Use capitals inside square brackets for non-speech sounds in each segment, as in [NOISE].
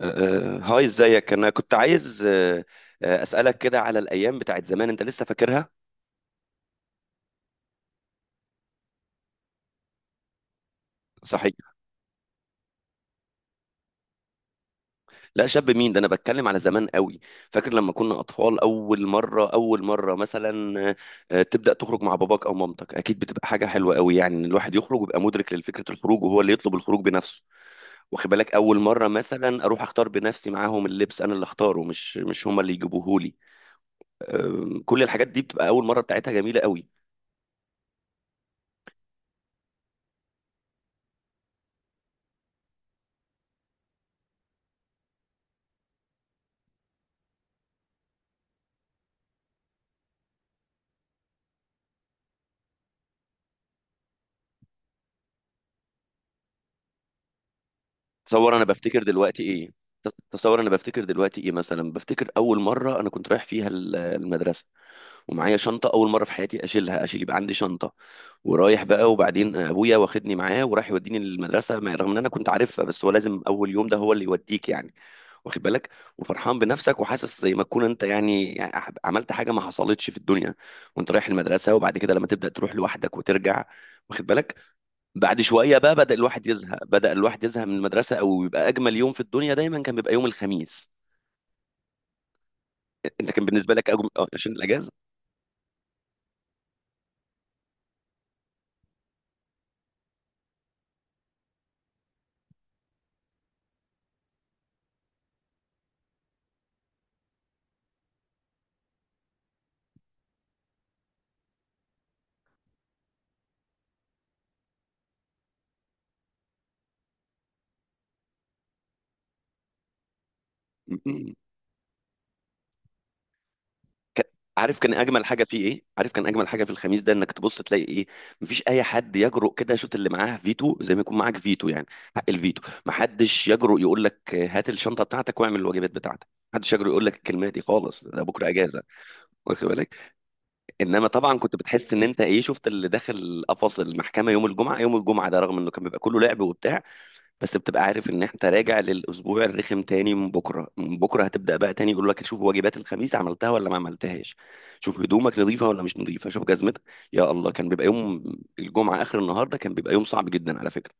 هاي ازيك انا كنت عايز اسالك كده على الايام بتاعت زمان انت لسه فاكرها. صحيح. لا شاب مين ده، انا بتكلم على زمان قوي. فاكر لما كنا اطفال اول مره مثلا تبدا تخرج مع باباك او مامتك، اكيد بتبقى حاجه حلوه قوي، يعني ان الواحد يخرج ويبقى مدرك لفكره الخروج وهو اللي يطلب الخروج بنفسه. واخد بالك، اول مره مثلا اروح اختار بنفسي معاهم اللبس، انا اللي اختاره، مش هما اللي يجيبوه لي. كل الحاجات دي بتبقى اول مره بتاعتها جميله قوي. تصور انا بفتكر دلوقتي ايه. تصور انا بفتكر دلوقتي ايه، مثلا بفتكر اول مره انا كنت رايح فيها المدرسه ومعايا شنطه، اول مره في حياتي اشيلها، يبقى عندي شنطه. ورايح بقى، وبعدين ابويا واخدني معاه وراح يوديني للمدرسه، رغم ان انا كنت عارفها، بس هو لازم اول يوم ده هو اللي يوديك يعني. واخد بالك، وفرحان بنفسك وحاسس زي ما تكون انت يعني، عملت حاجه ما حصلتش في الدنيا. وانت رايح المدرسه، وبعد كده لما تبدا تروح لوحدك وترجع. واخد بالك، بعد شويه بقى بدا الواحد يزهق، من المدرسه. او يبقى اجمل يوم في الدنيا دايما كان بيبقى يوم الخميس. انت كان بالنسبه لك أجم... آه، عشان الاجازه. مم. ك- عارف كان اجمل حاجه فيه ايه؟ عارف كان اجمل حاجه في الخميس ده انك تبص تلاقي ايه؟ مفيش اي حد يجرؤ كده يشوط اللي معاه فيتو، زي ما يكون معاك فيتو يعني. حق الفيتو، محدش يجرؤ يقول لك هات الشنطه بتاعتك واعمل الواجبات بتاعتك. محدش يجرؤ يقول لك الكلمه دي خالص، ده بكره اجازه. واخد بالك. انما طبعا كنت بتحس ان انت ايه، شفت اللي داخل قفص المحكمه، يوم الجمعه، يوم الجمعه ده رغم انه كان بيبقى كله لعب وبتاع، بس بتبقى عارف ان انت راجع للاسبوع الرخم تاني. من بكره هتبدا بقى تاني يقول لك شوف واجبات الخميس عملتها ولا ما عملتهاش، شوف هدومك نظيفه ولا مش نظيفه، شوف جزمتك. يا الله، كان بيبقى يوم الجمعه اخر النهار ده كان بيبقى يوم صعب جدا على فكره.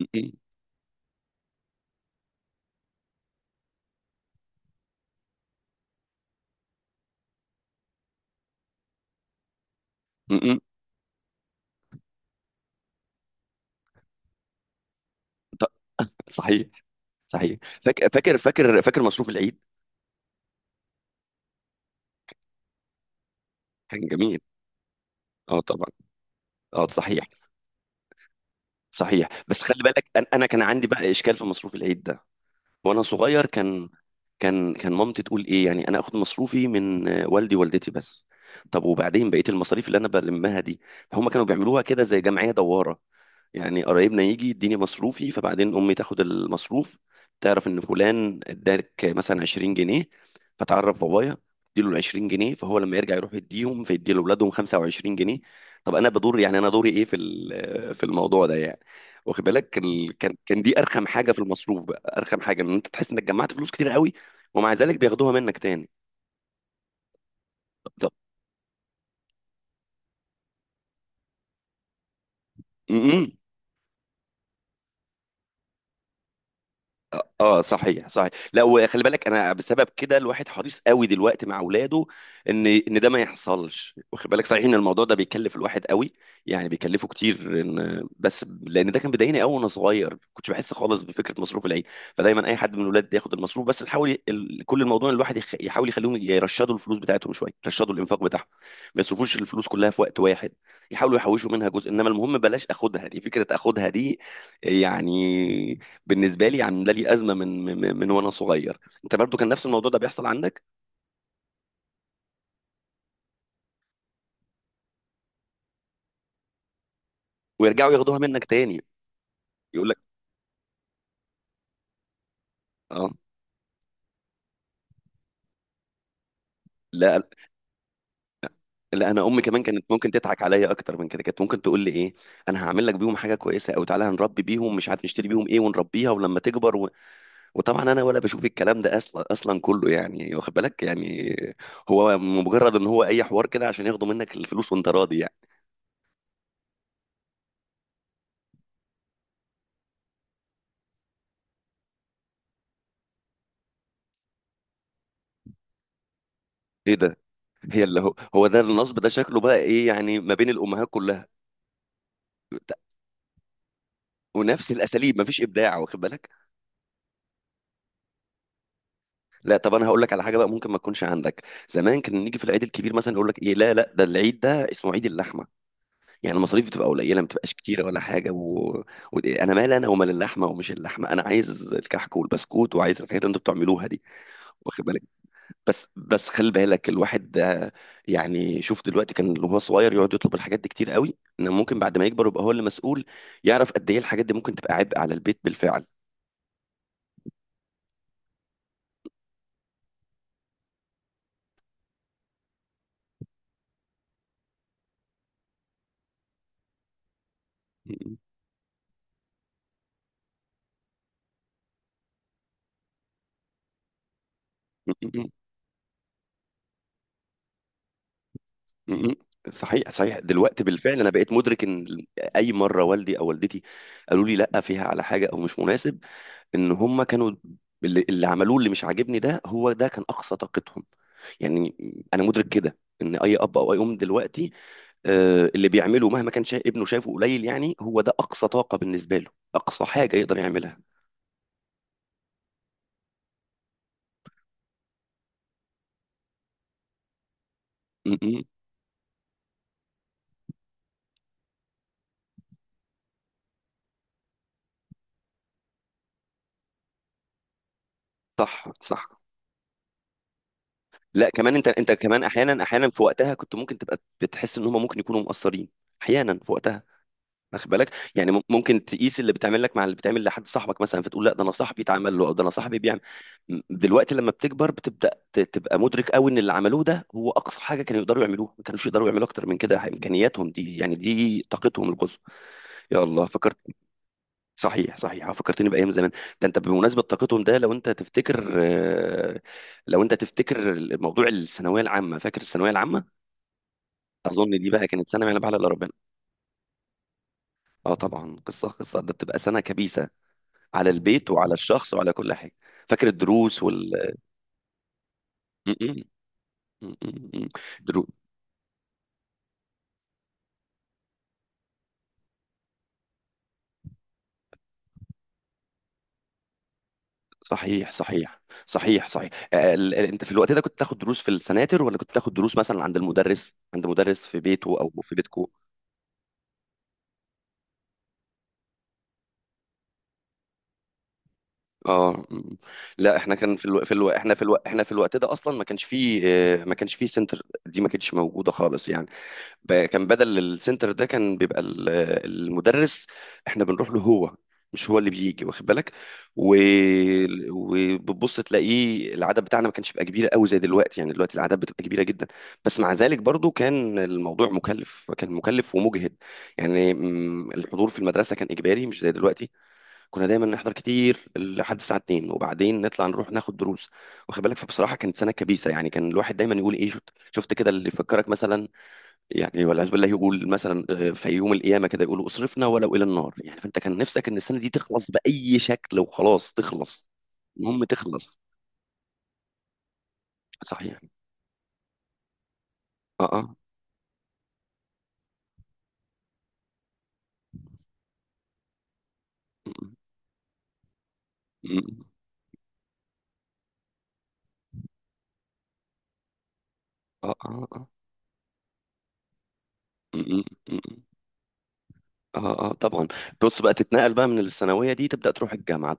مم. مم. ط- صحيح. صحيح. فاكر مصروف العيد. كان جميل، اه طبعا، اه صحيح. صحيح بس خلي بالك، انا كان عندي بقى اشكال في مصروف العيد ده وانا صغير. كان مامتي تقول ايه، يعني انا اخد مصروفي من والدي ووالدتي بس، طب وبعدين بقيه المصاريف اللي انا بلمها دي؟ فهم كانوا بيعملوها كده زي جمعيه دواره، يعني قرايبنا يجي يديني مصروفي فبعدين امي تاخد المصروف. تعرف ان فلان ادالك مثلا 20 جنيه، فتعرف بابايا اديله ال 20 جنيه، فهو لما يرجع يروح يديهم فيدي لاولادهم 25 جنيه. طب انا بدور، يعني انا دوري ايه في في الموضوع ده يعني. واخد بالك، ال- كان كان دي ارخم حاجه في المصروف. ارخم حاجه ان انت تحس انك جمعت فلوس كتير قوي، ومع ذلك بياخدوها منك تاني. طب طب- م- م. اه، صحيح. صحيح، لا وخلي بالك، انا بسبب كده الواحد حريص قوي دلوقتي مع اولاده ان ان ده ما يحصلش. واخد بالك، صحيح ان الموضوع ده بيكلف الواحد قوي، يعني بيكلفه كتير، بس لان ده كان بيضايقني قوي وانا صغير، كنتش بحس خالص بفكره مصروف العيد. فدايما اي حد من الولاد ياخد المصروف، بس نحاول كل الموضوع إن الواحد يحاول يخليهم يرشدوا الفلوس بتاعتهم شويه، يرشدوا الانفاق بتاعهم، ما يصرفوش الفلوس كلها في وقت واحد، يحاولوا يحوشوا منها جزء. انما المهم بلاش اخدها، دي فكره اخدها دي يعني. بالنسبه لي عامله لي ازمه من من من وانا صغير. انت برضو كان نفس الموضوع ده بيحصل عندك؟ ويرجعوا ياخدوها منك تاني؟ يقول لك اه. لا لا، انا امي كمان كانت ممكن تضحك عليا اكتر من كده، كانت ممكن تقول لي ايه، انا هعمل لك بيهم حاجه كويسه، او تعالى هنربي بيهم مش عارف نشتري بيهم ايه ونربيها ولما تكبر و... وطبعا انا ولا بشوف الكلام ده اصلا، كله يعني، واخد بالك يعني، هو مجرد ان هو اي حوار كده عشان ياخدوا منك الفلوس وانت راضي يعني. ايه ده؟ هي اللي هو هو ده النصب ده شكله بقى ايه، يعني ما بين الامهات كلها؟ ونفس الاساليب، مفيش ابداع. واخد بالك. لا طب انا هقول لك على حاجه بقى ممكن ما تكونش عندك. زمان كنا نيجي في العيد الكبير مثلا يقول لك ايه، لا لا، ده العيد ده اسمه عيد اللحمه، يعني المصاريف بتبقى قليله ما بتبقاش كتيره ولا حاجه و... و... انا مال انا ومال اللحمه، ومش اللحمه، انا عايز الكحك والبسكوت، وعايز الحاجات اللي انتوا بتعملوها دي. واخد بالك. بس بس خلي بالك الواحد ده، يعني شوف دلوقتي، كان اللي هو صغير يقعد يطلب الحاجات دي كتير قوي، ان ممكن بعد ما يكبر يبقى هو اللي مسؤول، يعرف قد ايه الحاجات دي ممكن تبقى عبء على البيت بالفعل. [LAUGHS] م- م. صحيح. صحيح دلوقتي بالفعل انا بقيت مدرك ان اي مره والدي او والدتي قالوا لي لا فيها على حاجه او مش مناسب، ان هم كانوا اللي عملوه اللي مش عاجبني ده هو ده كان اقصى طاقتهم يعني. انا مدرك كده ان اي اب او اي ام دلوقتي اللي بيعمله مهما كان ابنه شايفه قليل، يعني هو ده اقصى طاقه بالنسبه له، اقصى حاجه يقدر يعملها. م- م. صح. صح. لا كمان انت، انت كمان احيانا، احيانا في وقتها كنت ممكن تبقى بتحس ان هم ممكن يكونوا مقصرين احيانا في وقتها. واخد بالك، يعني ممكن تقيس اللي بتعمل لك مع اللي بتعمل لحد صاحبك مثلا، فتقول لا ده انا صاحبي اتعمل له، او ده انا صاحبي بيعمل. دلوقتي لما بتكبر بتبدا تبقى مدرك قوي ان اللي عملوه ده هو اقصى حاجه كانوا يقدروا يعملوها، ما كانوش يقدروا يعملوا اكتر من كده، امكانياتهم دي يعني دي طاقتهم القصوى. يا الله فكرت. صحيح فكرتني بايام زمان. ده انت بمناسبه طاقتهم ده، لو انت تفتكر لو انت تفتكر الموضوع الثانويه العامه، فاكر الثانويه العامه؟ اظن دي بقى كانت سنه ما يعلم بها الا ربنا. اه طبعا قصه قصه ده بتبقى سنه كبيسه على البيت وعلى الشخص وعلى كل حاجة. فاكر الدروس وال... م- م- م- م- م. درو... صحيح. انت في الوقت ده كنت تاخد دروس في السناتر، ولا كنت تاخد دروس مثلا عند المدرس، عند مدرس في بيته او في بيتكو؟ اه. لا احنا كان احنا في الوقت ده اصلا ما كانش فيه، ما كانش فيه سنتر، دي ما كانتش موجودة خالص يعني. كان بدل السنتر ده كان بيبقى المدرس احنا بنروح له هو، مش هو اللي بيجي. واخد بالك. و... وبتبص تلاقيه العدد بتاعنا ما كانش بيبقى كبير قوي زي دلوقتي، يعني دلوقتي العدد بتبقى كبيره جدا. بس مع ذلك برضو كان الموضوع مكلف، كان مكلف ومجهد يعني. م، الحضور في المدرسه كان اجباري مش زي دلوقتي، كنا دايما نحضر كتير لحد الساعه 2 وبعدين نطلع نروح ناخد دروس. واخد بالك، فبصراحه كانت سنه كبيسه يعني، كان الواحد دايما يقول ايه، شفت كده اللي يفكرك مثلا، يعني والعياذ بالله يقول مثلا في يوم القيامه كده يقولوا اصرفنا ولو الى النار، يعني فانت كان نفسك ان السنه دي تخلص باي شكل وخلاص تخلص. المهم تخلص. صحيح. اه، اه. م- م- اه، اه، اه. م- م- م- اه اه طبعا. بص بقى، تتنقل بقى من الثانويه دي تبدا تروح الجامعه،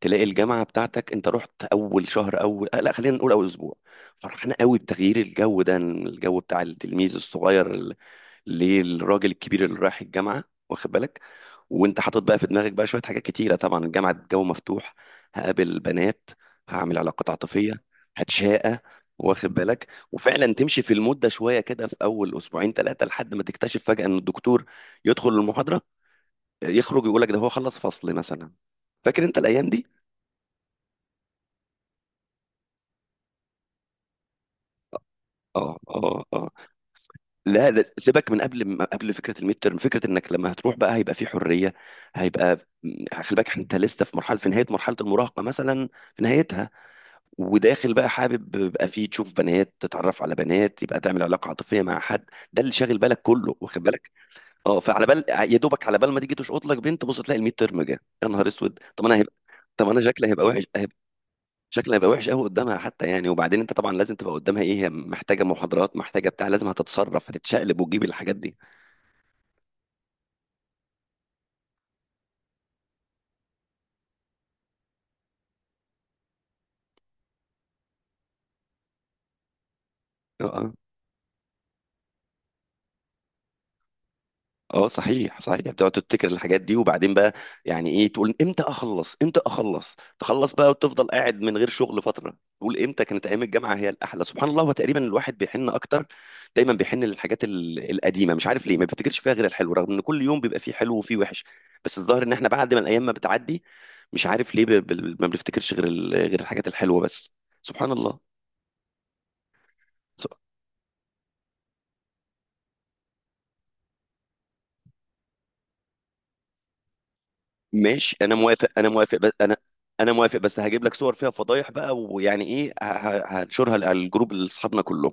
تلاقي الجامعه بتاعتك، انت رحت اول شهر، اول آه، لا خلينا نقول اول اسبوع، فرحان قوي بتغيير الجو ده، الجو بتاع التلميذ الصغير للراجل الكبير اللي رايح الجامعه. واخد بالك، وانت حاطط بقى في دماغك بقى شويه حاجات كتيره، طبعا الجامعه الجو مفتوح، هقابل بنات، هعمل علاقات عاطفيه، هتشاقى. واخد بالك، وفعلا تمشي في المده شويه كده في اول اسبوعين ثلاثه لحد ما تكتشف فجاه ان الدكتور يدخل المحاضره يخرج يقول لك ده هو خلص فصل مثلا. فاكر انت الايام دي؟ اه، اه، اه. لا, سيبك من قبل ما قبل فكره الميد ترم، فكره انك لما هتروح بقى هيبقى في حريه، هيبقى... خلي بالك انت لسه في مرحله، في نهايه مرحله المراهقه مثلا، في نهايتها، وداخل بقى حابب يبقى فيه تشوف بنات، تتعرف على بنات، يبقى تعمل علاقه عاطفيه مع حد، ده اللي شاغل بالك كله. واخد بالك. اه، فعلى بال يا دوبك على بال ما تيجي تشقط لك بنت بص تلاقي الميد ترم جه، يا نهار اسود، طب انا هيبقى، طب انا شكلي هيبقى وحش، شكلها هيبقى وحش قوي قدامها حتى يعني. وبعدين انت طبعا لازم تبقى قدامها ايه، هي محتاجه محاضرات، محتاجه بتاع، لازم هتتصرف، هتتشقلب وتجيب الحاجات دي. اه. آه. اه صحيح. صحيح، يعني بتقعد تفتكر الحاجات دي وبعدين بقى يعني ايه، تقول امتى اخلص امتى اخلص، تخلص بقى وتفضل قاعد من غير شغل فتره تقول امتى كانت ايام الجامعه هي الاحلى. سبحان الله، هو تقريبا الواحد بيحن اكتر، دايما بيحن للحاجات القديمه، مش عارف ليه ما بيفتكرش فيها غير الحلو، رغم ان كل يوم بيبقى فيه حلو وفيه وحش، بس الظاهر ان احنا بعد ما الايام ما بتعدي مش عارف ليه، ما بنفتكرش غير غير الحاجات الحلوه بس. سبحان الله. ماشي، انا موافق بس هجيب لك صور فيها فضايح بقى، ويعني ايه، هنشرها على الجروب اللي اصحابنا كلهم.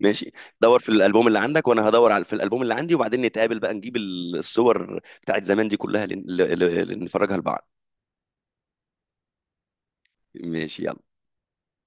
ماشي. دور في الالبوم اللي عندك، وانا هدور على في الالبوم اللي عندي، وبعدين نتقابل بقى نجيب الصور بتاعت زمان دي كلها نفرجها لبعض. ماشي يلا.